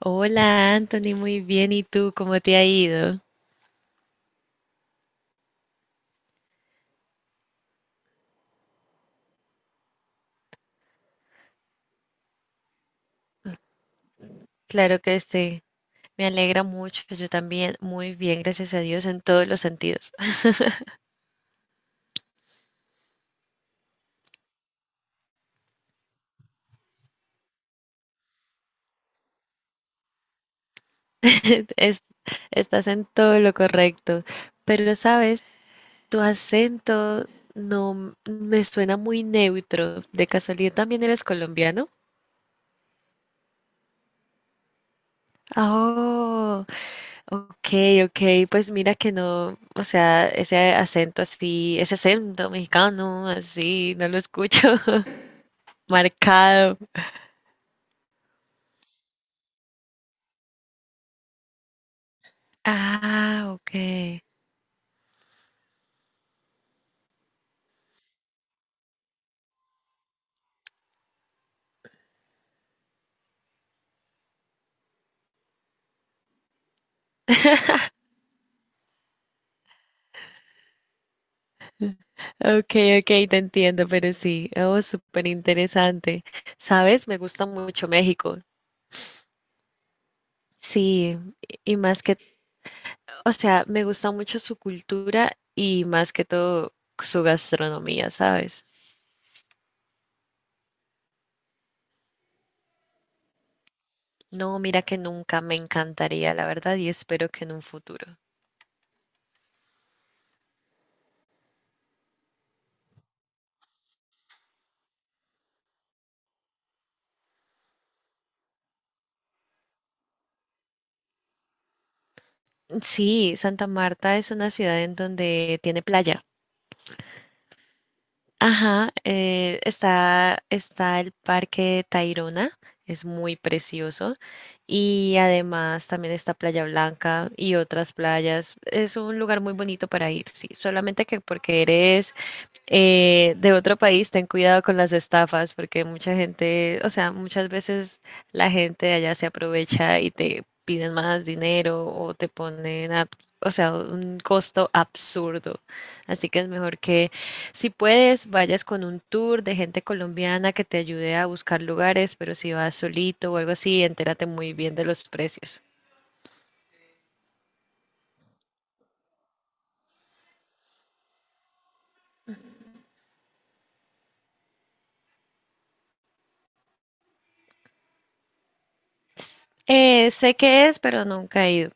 Hola Anthony, muy bien. ¿Y tú cómo te ha ido? Claro que sí. Me alegra mucho. Yo también, muy bien, gracias a Dios, en todos los sentidos. Es- estás en todo lo correcto. Pero sabes, tu acento no me suena muy neutro. ¿De casualidad también eres colombiano? Oh, ok, ok. Pues mira que no, o sea, ese acento así, ese acento mexicano así, no lo escucho marcado. Ah, okay. Okay, okay, te entiendo, pero sí, oh, súper interesante. ¿Sabes? Me gusta mucho México. Sí, y más que, o sea, me gusta mucho su cultura y más que todo su gastronomía, ¿sabes? No, mira que nunca me encantaría, la verdad, y espero que en un futuro. Sí, Santa Marta es una ciudad en donde tiene playa. Ajá, está, está el Parque de Tayrona, es muy precioso. Y además también está Playa Blanca y otras playas. Es un lugar muy bonito para ir, sí. Solamente que porque eres de otro país, ten cuidado con las estafas, porque mucha gente, o sea, muchas veces la gente de allá se aprovecha y te piden más dinero o te ponen a, o sea, un costo absurdo. Así que es mejor que si puedes, vayas con un tour de gente colombiana que te ayude a buscar lugares, pero si vas solito o algo así, entérate muy bien de los precios. Sé qué es, pero nunca he ido.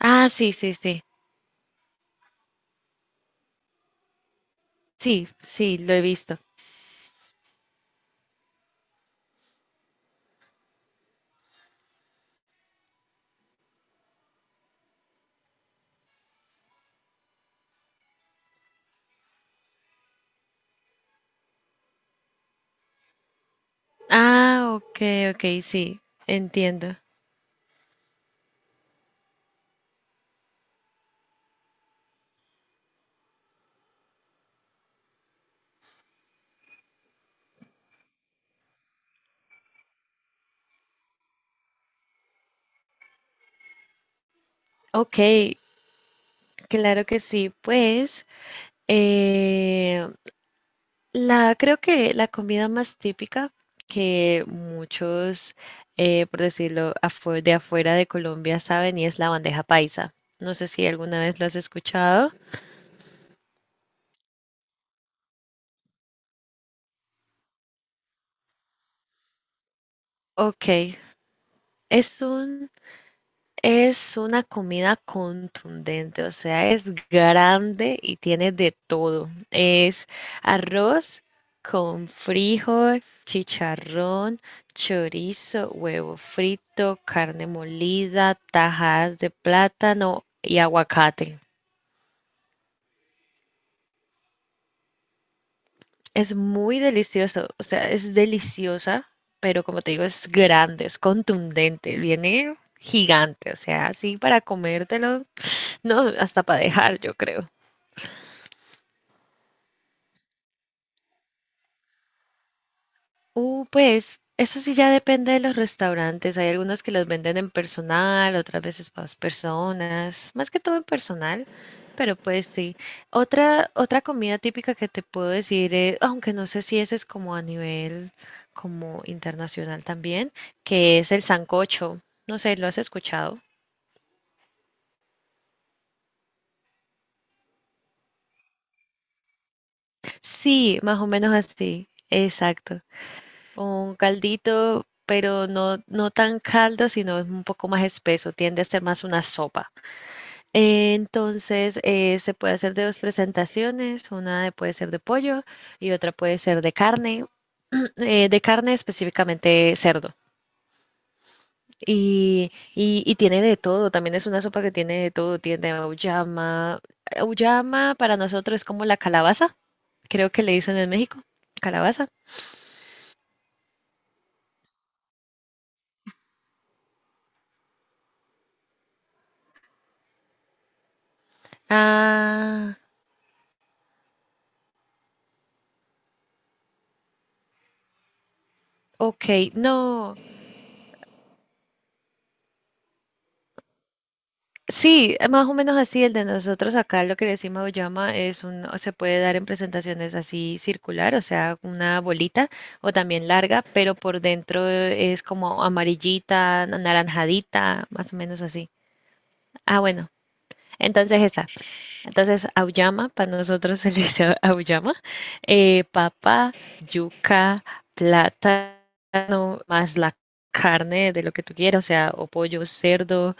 Ah, sí, sí, sí. Sí, sí, lo he visto. Ah, ok, ok, sí, entiendo. Ok, claro que sí. Pues eh, la creo que la comida más típica que muchos, por decirlo, de afuera de Colombia saben y es la bandeja paisa. No sé si alguna vez lo has escuchado. Ok, es un es una comida contundente, o sea, es grande y tiene de todo. Es arroz con frijol, chicharrón, chorizo, huevo frito, carne molida, tajadas de plátano y aguacate. Es muy delicioso, o sea, es deliciosa, pero como te digo, es grande, es contundente, viene gigante, o sea, así para comértelo, no, hasta para dejar, yo creo. Pues eso sí ya depende de los restaurantes. Hay algunos que los venden en personal, otras veces para dos personas, más que todo en personal, pero pues sí. Otra comida típica que te puedo decir, es, aunque no sé si ese es como a nivel como internacional también, que es el sancocho. No sé, ¿lo has escuchado? Sí, más o menos así, exacto. Un caldito, pero no, no tan caldo, sino es un poco más espeso, tiende a ser más una sopa. Entonces, se puede hacer de dos presentaciones, puede ser de pollo y otra puede ser de carne, de carne específicamente cerdo. Y tiene de todo, también es una sopa que tiene de todo, tiene auyama. Auyama para nosotros es como la calabaza, creo que le dicen en México, calabaza. Ah, ok, no. Sí, más o menos así, el de nosotros acá, lo que decimos auyama es un, o se puede dar en presentaciones así circular, o sea, una bolita o también larga, pero por dentro es como amarillita, anaranjadita, más o menos así. Ah, bueno, entonces esa. Entonces auyama, para nosotros se le dice auyama, papa, yuca, plátano, más la carne de lo que tú quieras, o sea, o pollo, cerdo.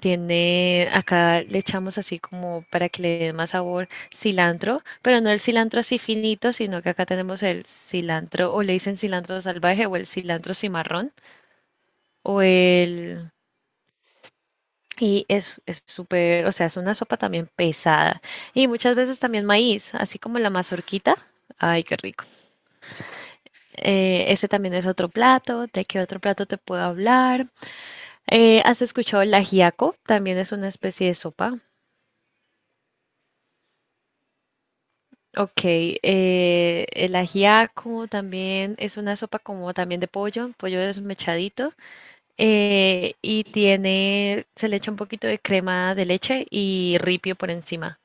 Tiene, acá le echamos así como para que le dé más sabor cilantro, pero no el cilantro así finito, sino que acá tenemos el cilantro, o le dicen cilantro salvaje, o el cilantro cimarrón, o el... Y es súper, o sea, es una sopa también pesada. Y muchas veces también maíz, así como la mazorquita. Ay, qué rico. Ese también es otro plato. ¿De qué otro plato te puedo hablar? ¿Has escuchado el ajiaco? También es una especie de sopa. Ok, el ajiaco también es una sopa como también de pollo, pollo desmechadito, y tiene, se le echa un poquito de crema de leche y ripio por encima.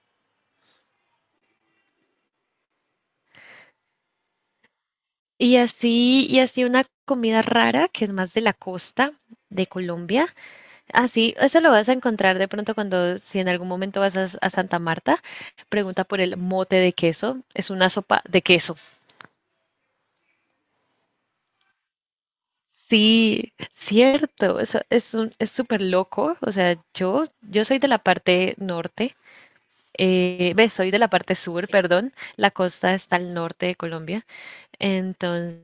Y así una comida rara que es más de la costa de Colombia. Así, eso lo vas a encontrar de pronto cuando, si en algún momento vas a Santa Marta, pregunta por el mote de queso. Es una sopa de queso. Sí, cierto, eso es un, es súper loco, o sea, yo soy de la parte norte, soy de la parte sur, perdón, la costa está al norte de Colombia, entonces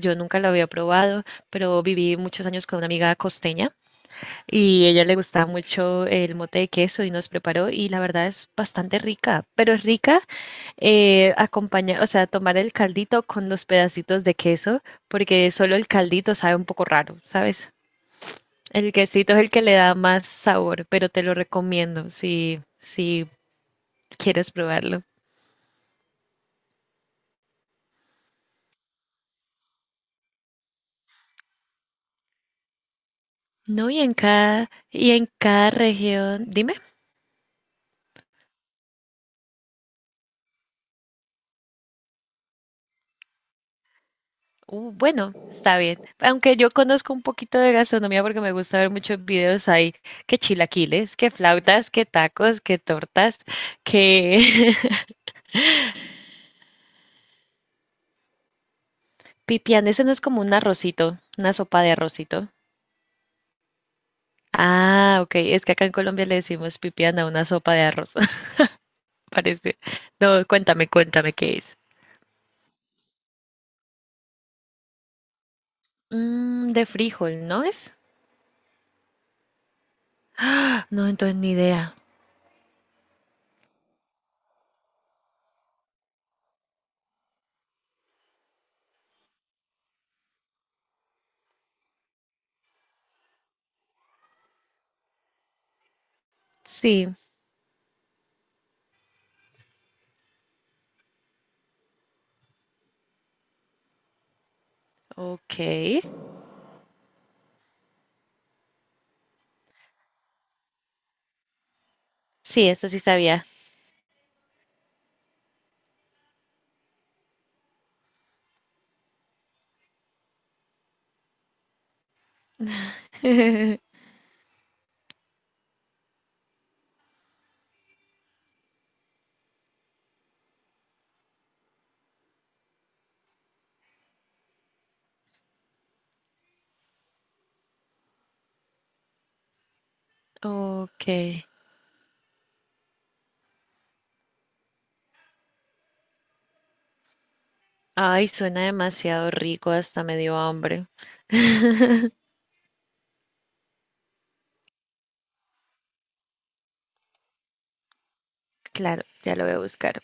yo nunca lo había probado, pero viví muchos años con una amiga costeña y ella le gustaba mucho el mote de queso y nos preparó y la verdad es bastante rica, pero es rica acompañar, o sea, tomar el caldito con los pedacitos de queso, porque solo el caldito sabe un poco raro, ¿sabes? El quesito es el que le da más sabor, pero te lo recomiendo si, si quieres probarlo. No, y en cada región, dime. Bueno, está bien. Aunque yo conozco un poquito de gastronomía porque me gusta ver muchos videos ahí, que chilaquiles, que flautas, que tacos, que tortas, que Pipián, ese no es como un arrocito, una sopa de arrocito. Ah, ok, es que acá en Colombia le decimos pipián a una sopa de arroz, parece. No, cuéntame, cuéntame qué es. Mm, de frijol, ¿no es? Ah, no, entonces ni idea. Sí, ok. Sí, esto sí sabía. Ok. Ay, suena demasiado rico, hasta me dio hambre. Claro, ya lo voy a buscar.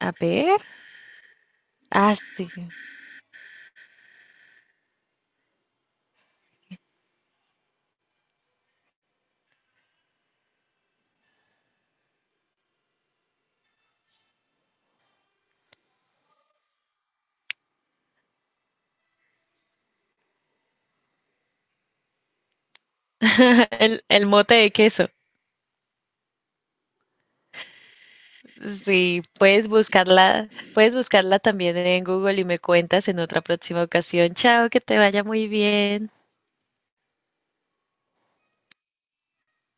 A ver. Ah, sí. El mote de queso. Sí, puedes buscarla también en Google y me cuentas en otra próxima ocasión. Chao, que te vaya muy bien.